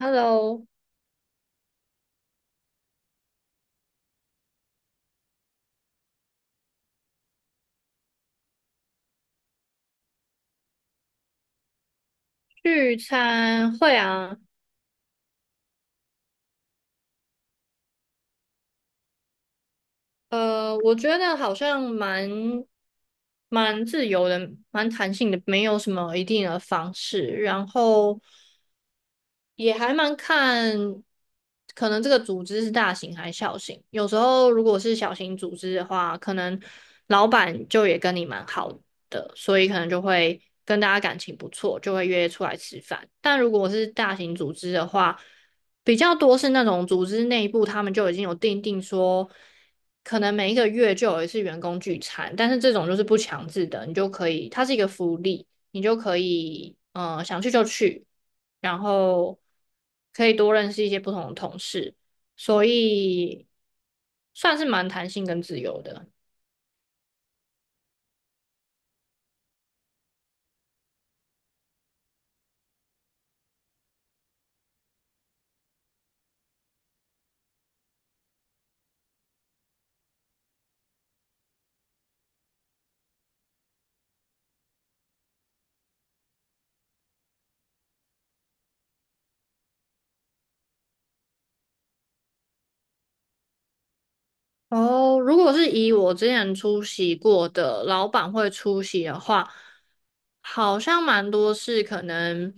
Hello，聚餐会啊，我觉得好像蛮自由的，蛮弹性的，没有什么一定的方式。然后，也还蛮看，可能这个组织是大型还是小型。有时候如果是小型组织的话，可能老板就也跟你蛮好的，所以可能就会跟大家感情不错，就会约出来吃饭。但如果是大型组织的话，比较多是那种组织内部他们就已经有定说，可能每一个月就有一次员工聚餐，但是这种就是不强制的，你就可以，它是一个福利，你就可以，想去就去。然后可以多认识一些不同的同事，所以算是蛮弹性跟自由的。哦，如果是以我之前出席过的老板会出席的话，好像蛮多是可能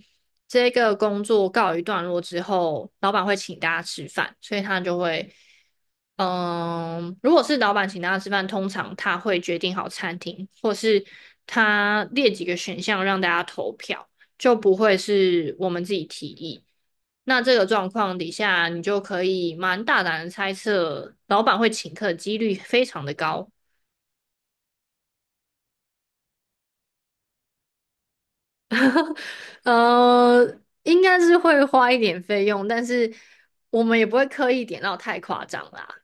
这个工作告一段落之后，老板会请大家吃饭，所以他就会嗯，如果是老板请大家吃饭，通常他会决定好餐厅，或是他列几个选项让大家投票，就不会是我们自己提议。那这个状况底下，你就可以蛮大胆的猜测，老板会请客的几率非常的高。应该是会花一点费用，但是我们也不会刻意点到太夸张啦。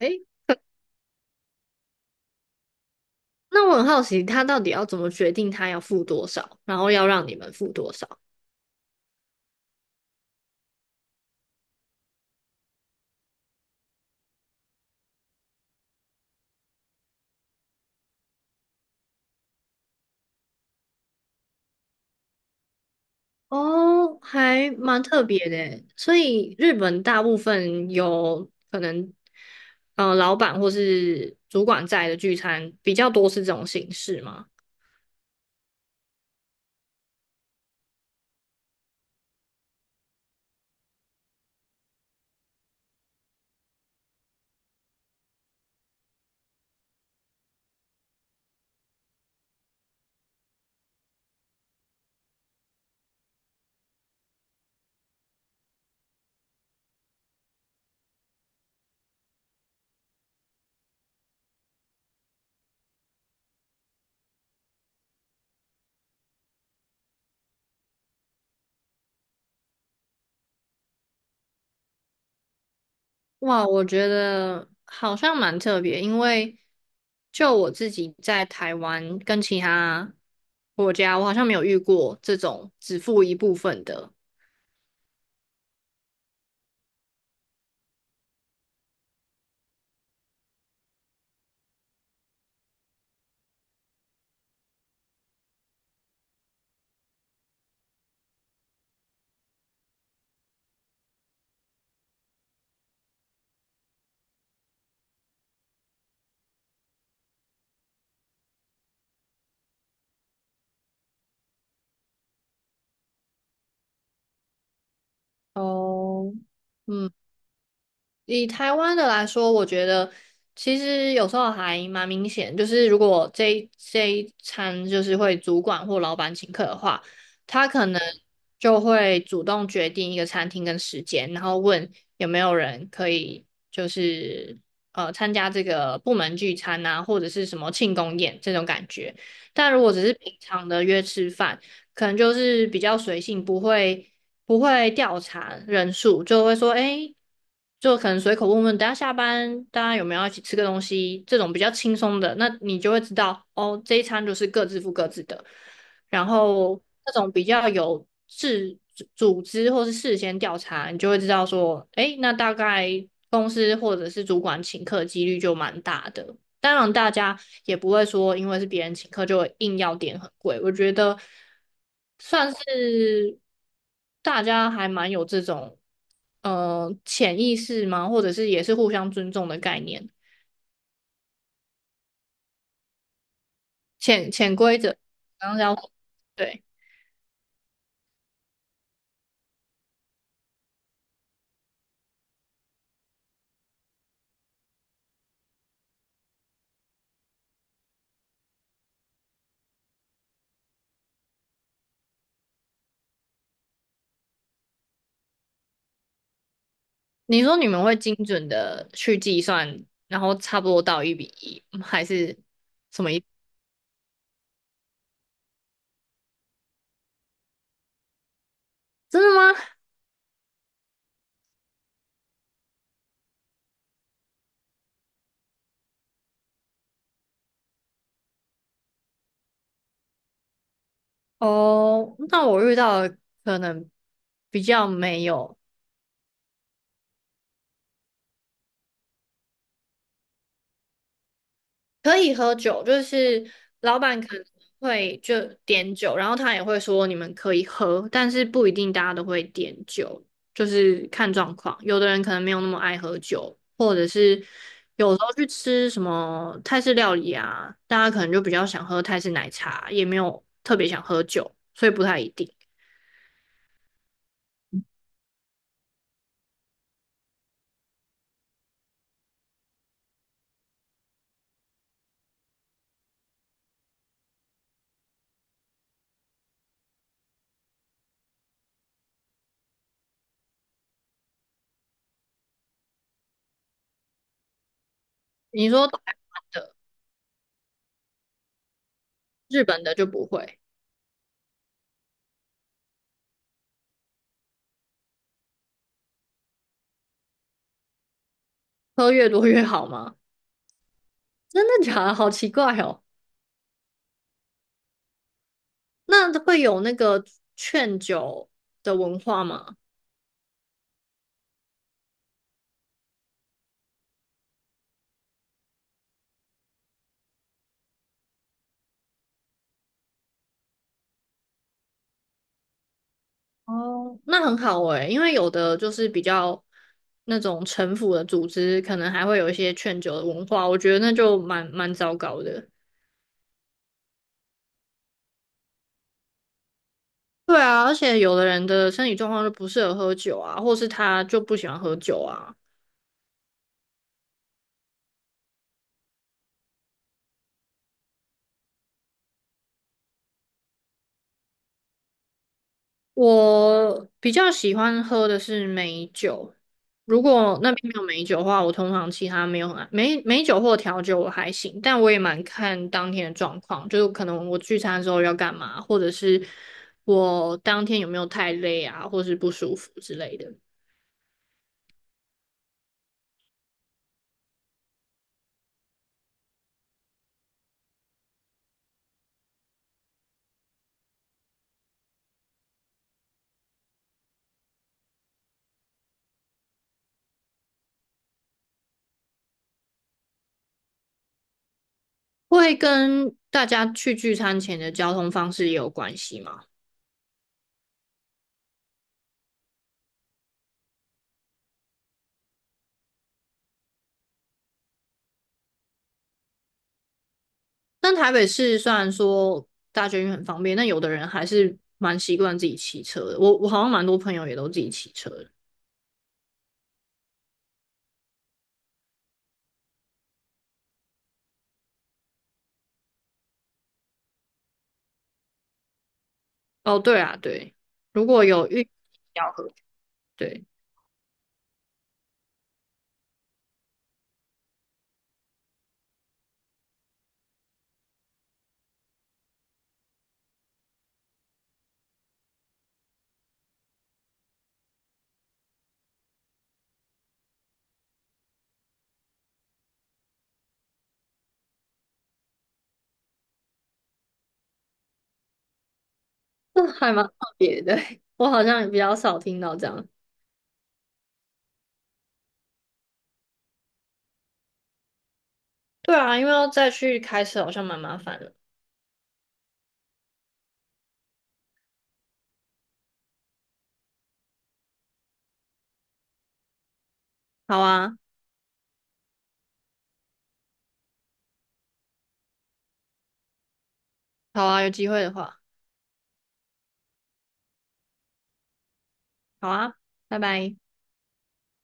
诶。那我很好奇，他到底要怎么决定他要付多少，然后要让你们付多少？哦，还蛮特别的耶，所以日本大部分有可能，老板或是主管在的聚餐比较多是这种形式吗？哇，我觉得好像蛮特别，因为就我自己在台湾跟其他国家，我好像没有遇过这种只付一部分的。哦，嗯。以台湾的来说，我觉得其实有时候还蛮明显，就是如果这一餐就是会主管或老板请客的话，他可能就会主动决定一个餐厅跟时间，然后问有没有人可以就是参加这个部门聚餐啊，或者是什么庆功宴这种感觉。但如果只是平常的约吃饭，可能就是比较随性，不会。不会调查人数，就会说，哎，就可能随口问问，等下下班大家有没有要一起吃个东西，这种比较轻松的，那你就会知道，哦，这一餐就是各自付各自的。然后那种比较有事组织或是事先调查，你就会知道说，哎，那大概公司或者是主管请客几率就蛮大的。当然，大家也不会说因为是别人请客就硬要点很贵。我觉得算是大家还蛮有这种潜意识吗？或者是也是互相尊重的概念，潜规则。然后要对你说，你们会精准的去计算，然后差不多到一比一，还是什么一？真的吗？哦，那我遇到的可能比较没有。可以喝酒，就是老板可能会就点酒，然后他也会说你们可以喝，但是不一定大家都会点酒，就是看状况。有的人可能没有那么爱喝酒，或者是有时候去吃什么泰式料理啊，大家可能就比较想喝泰式奶茶，也没有特别想喝酒，所以不太一定。你说台湾的、日本的就不会，喝越多越好吗？真的假的？好奇怪哦。那会有那个劝酒的文化吗？哦，那很好诶、因为有的就是比较那种城府的组织，可能还会有一些劝酒的文化，我觉得那就蛮糟糕的。对啊，而且有的人的身体状况就不适合喝酒啊，或是他就不喜欢喝酒啊。我比较喜欢喝的是美酒，如果那边没有美酒的话，我通常其他没有很爱美酒或调酒我还行，但我也蛮看当天的状况，就是可能我聚餐的时候要干嘛，或者是我当天有没有太累啊，或是不舒服之类的，会跟大家去聚餐前的交通方式也有关系嘛？但台北市虽然说大捷运很方便，但有的人还是蛮习惯自己骑车的，我好像蛮多朋友也都自己骑车的。哦，对啊，对，如果有遇要喝，对，那还蛮特别的，我好像也比较少听到这样。对啊，因为要再去开车好像蛮麻烦的。好啊，好啊，有机会的话，好啊，拜拜。